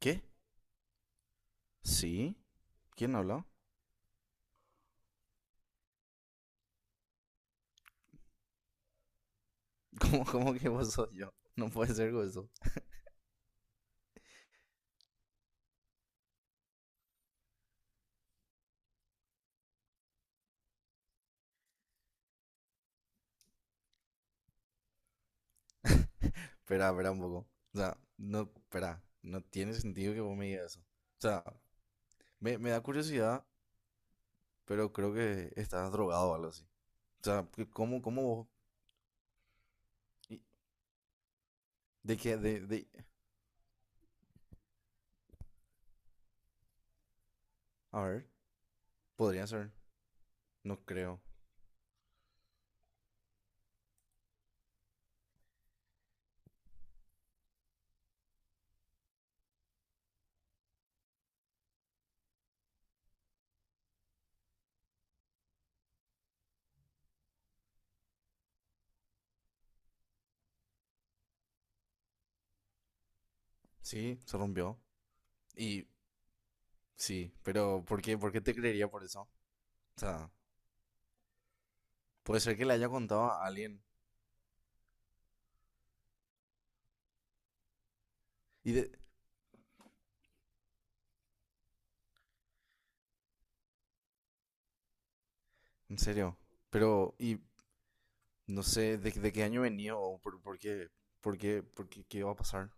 ¿Qué? ¿Sí? ¿Quién habló? ¿Cómo, cómo que vos sos yo? No puede ser eso. Espera, espera un poco. O sea, no, espera, no tiene sentido que vos me digas eso. O sea, me da curiosidad, pero creo que estás drogado o algo así. O sea, que ¿cómo, cómo vos? y- ¿De qué? A ver, podría ser. No creo. Sí, se rompió. Y sí, pero por qué te creería por eso? O sea, puede ser que le haya contado a alguien. Y de... En serio. Pero, no sé de, qué año venía o por, por qué, qué va a pasar.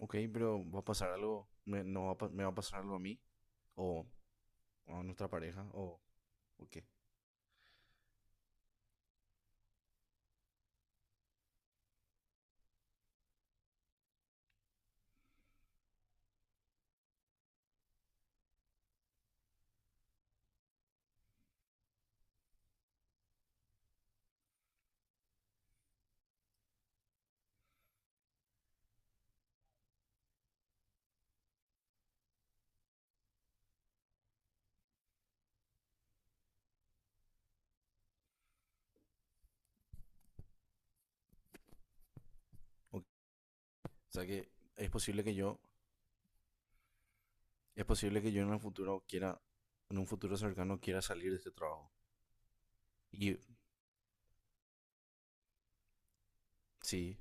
Ok, pero va a pasar algo, me, no va a pa- me va a pasar algo a mí o a nuestra pareja o qué. O sea que es posible que yo, es posible que yo en el futuro quiera, en un futuro cercano quiera salir de este trabajo. Y sí,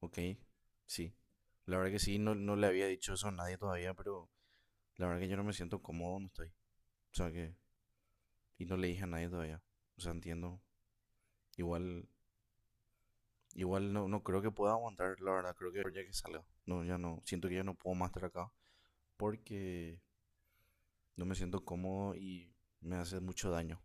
ok, sí. La verdad que sí, no, no le había dicho eso a nadie todavía, pero la verdad que yo no me siento cómodo donde estoy. O sea que, y no le dije a nadie todavía. O sea, entiendo. Igual Igual no, no creo que pueda aguantar, la verdad, creo que ya que salga. No, ya no, siento que ya no puedo más estar acá porque no me siento cómodo y me hace mucho daño.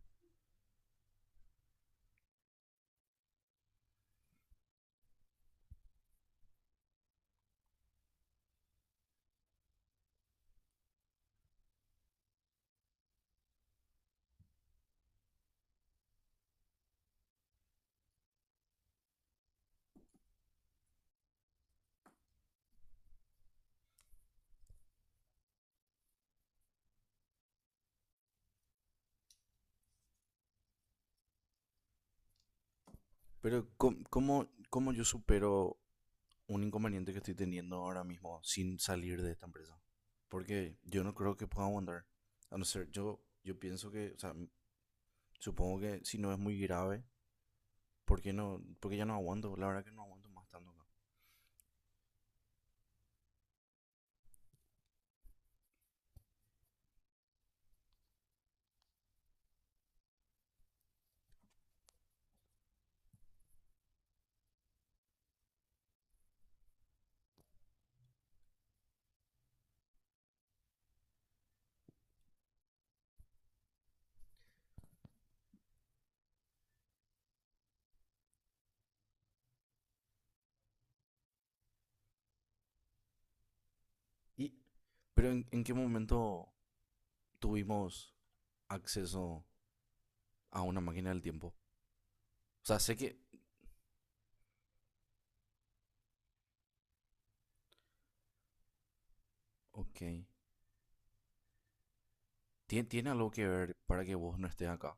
Pero ¿cómo, cómo yo supero un inconveniente que estoy teniendo ahora mismo sin salir de esta empresa? Porque yo no creo que pueda aguantar. A no ser, yo pienso que, o sea, supongo que si no es muy grave, ¿por qué no? Porque ya no aguanto, la verdad que no aguanto más estando acá. Y, pero en qué momento tuvimos acceso a una máquina del tiempo? O sea, sé que... Ok. Tiene algo que ver para que vos no estés acá.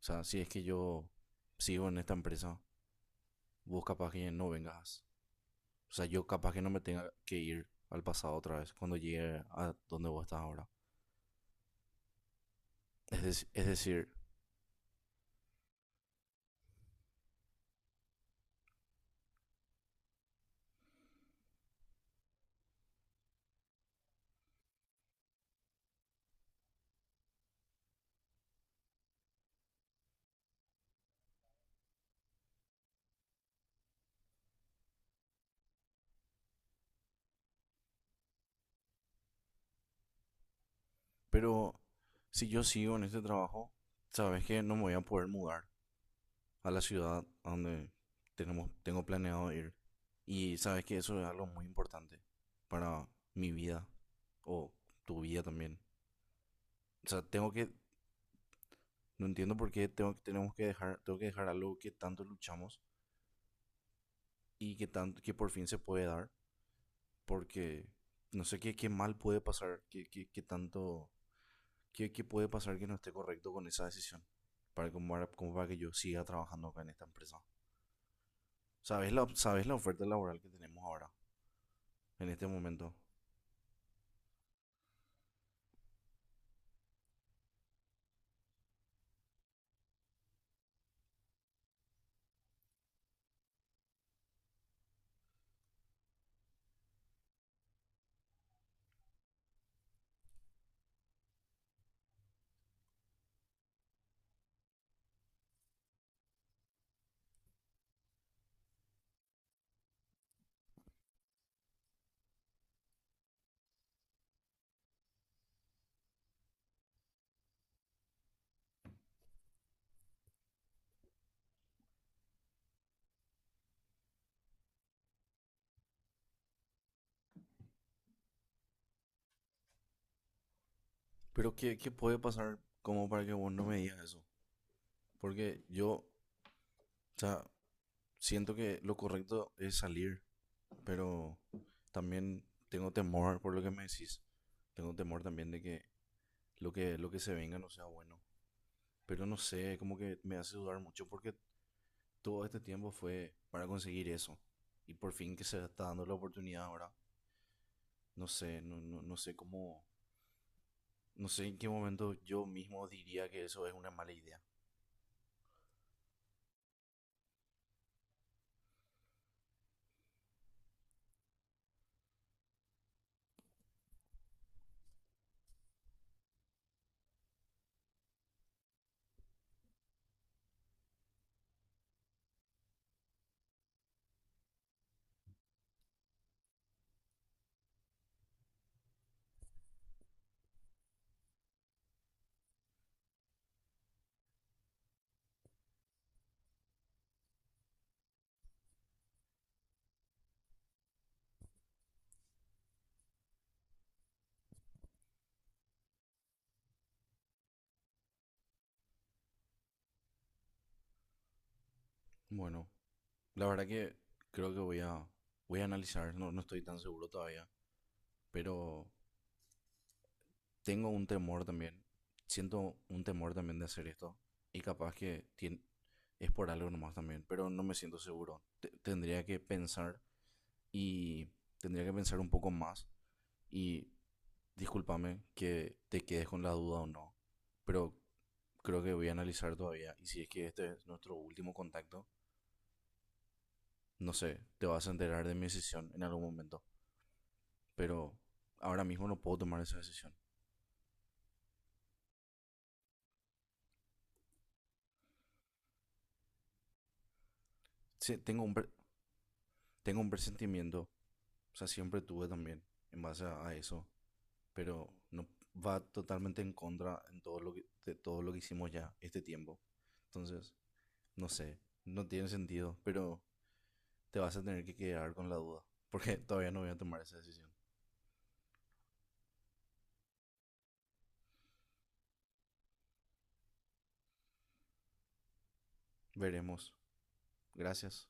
O sea, si es que yo sigo en esta empresa, vos capaz que no vengas. O sea, yo capaz que no me tenga que ir al pasado otra vez cuando llegue a donde vos estás ahora. Es, es decir, pero si yo sigo en este trabajo, sabes que no me voy a poder mudar a la ciudad a donde tengo planeado ir. Y sabes que eso es algo muy importante para mi vida o tu vida también. O sea, tengo que, no entiendo por qué tengo, tenemos que dejar, tengo que dejar algo que tanto luchamos y que, tanto, que por fin se puede dar, porque no sé qué, qué mal puede pasar, qué puede pasar que no esté correcto con esa decisión, para que, como, como para que yo siga trabajando acá en esta empresa. Sabes la oferta laboral que tenemos ahora, en este momento? Pero ¿qué, qué puede pasar como para que vos no me digas eso? Porque yo, o sea, siento que lo correcto es salir, pero también tengo temor por lo que me decís. Tengo temor también de que lo que, lo que se venga no sea bueno. Pero no sé, como que me hace dudar mucho porque todo este tiempo fue para conseguir eso. Y por fin que se está dando la oportunidad ahora. No sé, no sé cómo, no sé en qué momento yo mismo diría que eso es una mala idea. Bueno, la verdad que creo que voy a, voy a analizar, no, no estoy tan seguro todavía, pero tengo un temor también, siento un temor también de hacer esto y capaz que es por algo nomás también, pero no me siento seguro. Tendría que pensar y tendría que pensar un poco más y discúlpame que te quedes con la duda o no, pero creo que voy a analizar todavía y si es que este es nuestro último contacto, no sé, te vas a enterar de mi decisión en algún momento, pero ahora mismo no puedo tomar esa decisión. Sí, tengo, tengo un presentimiento, o sea, siempre tuve también en base a eso, pero no va totalmente en contra en todo lo que, de todo lo que hicimos ya este tiempo. Entonces, no sé, no tiene sentido, pero te vas a tener que quedar con la duda, porque todavía no voy a tomar esa decisión. Veremos. Gracias.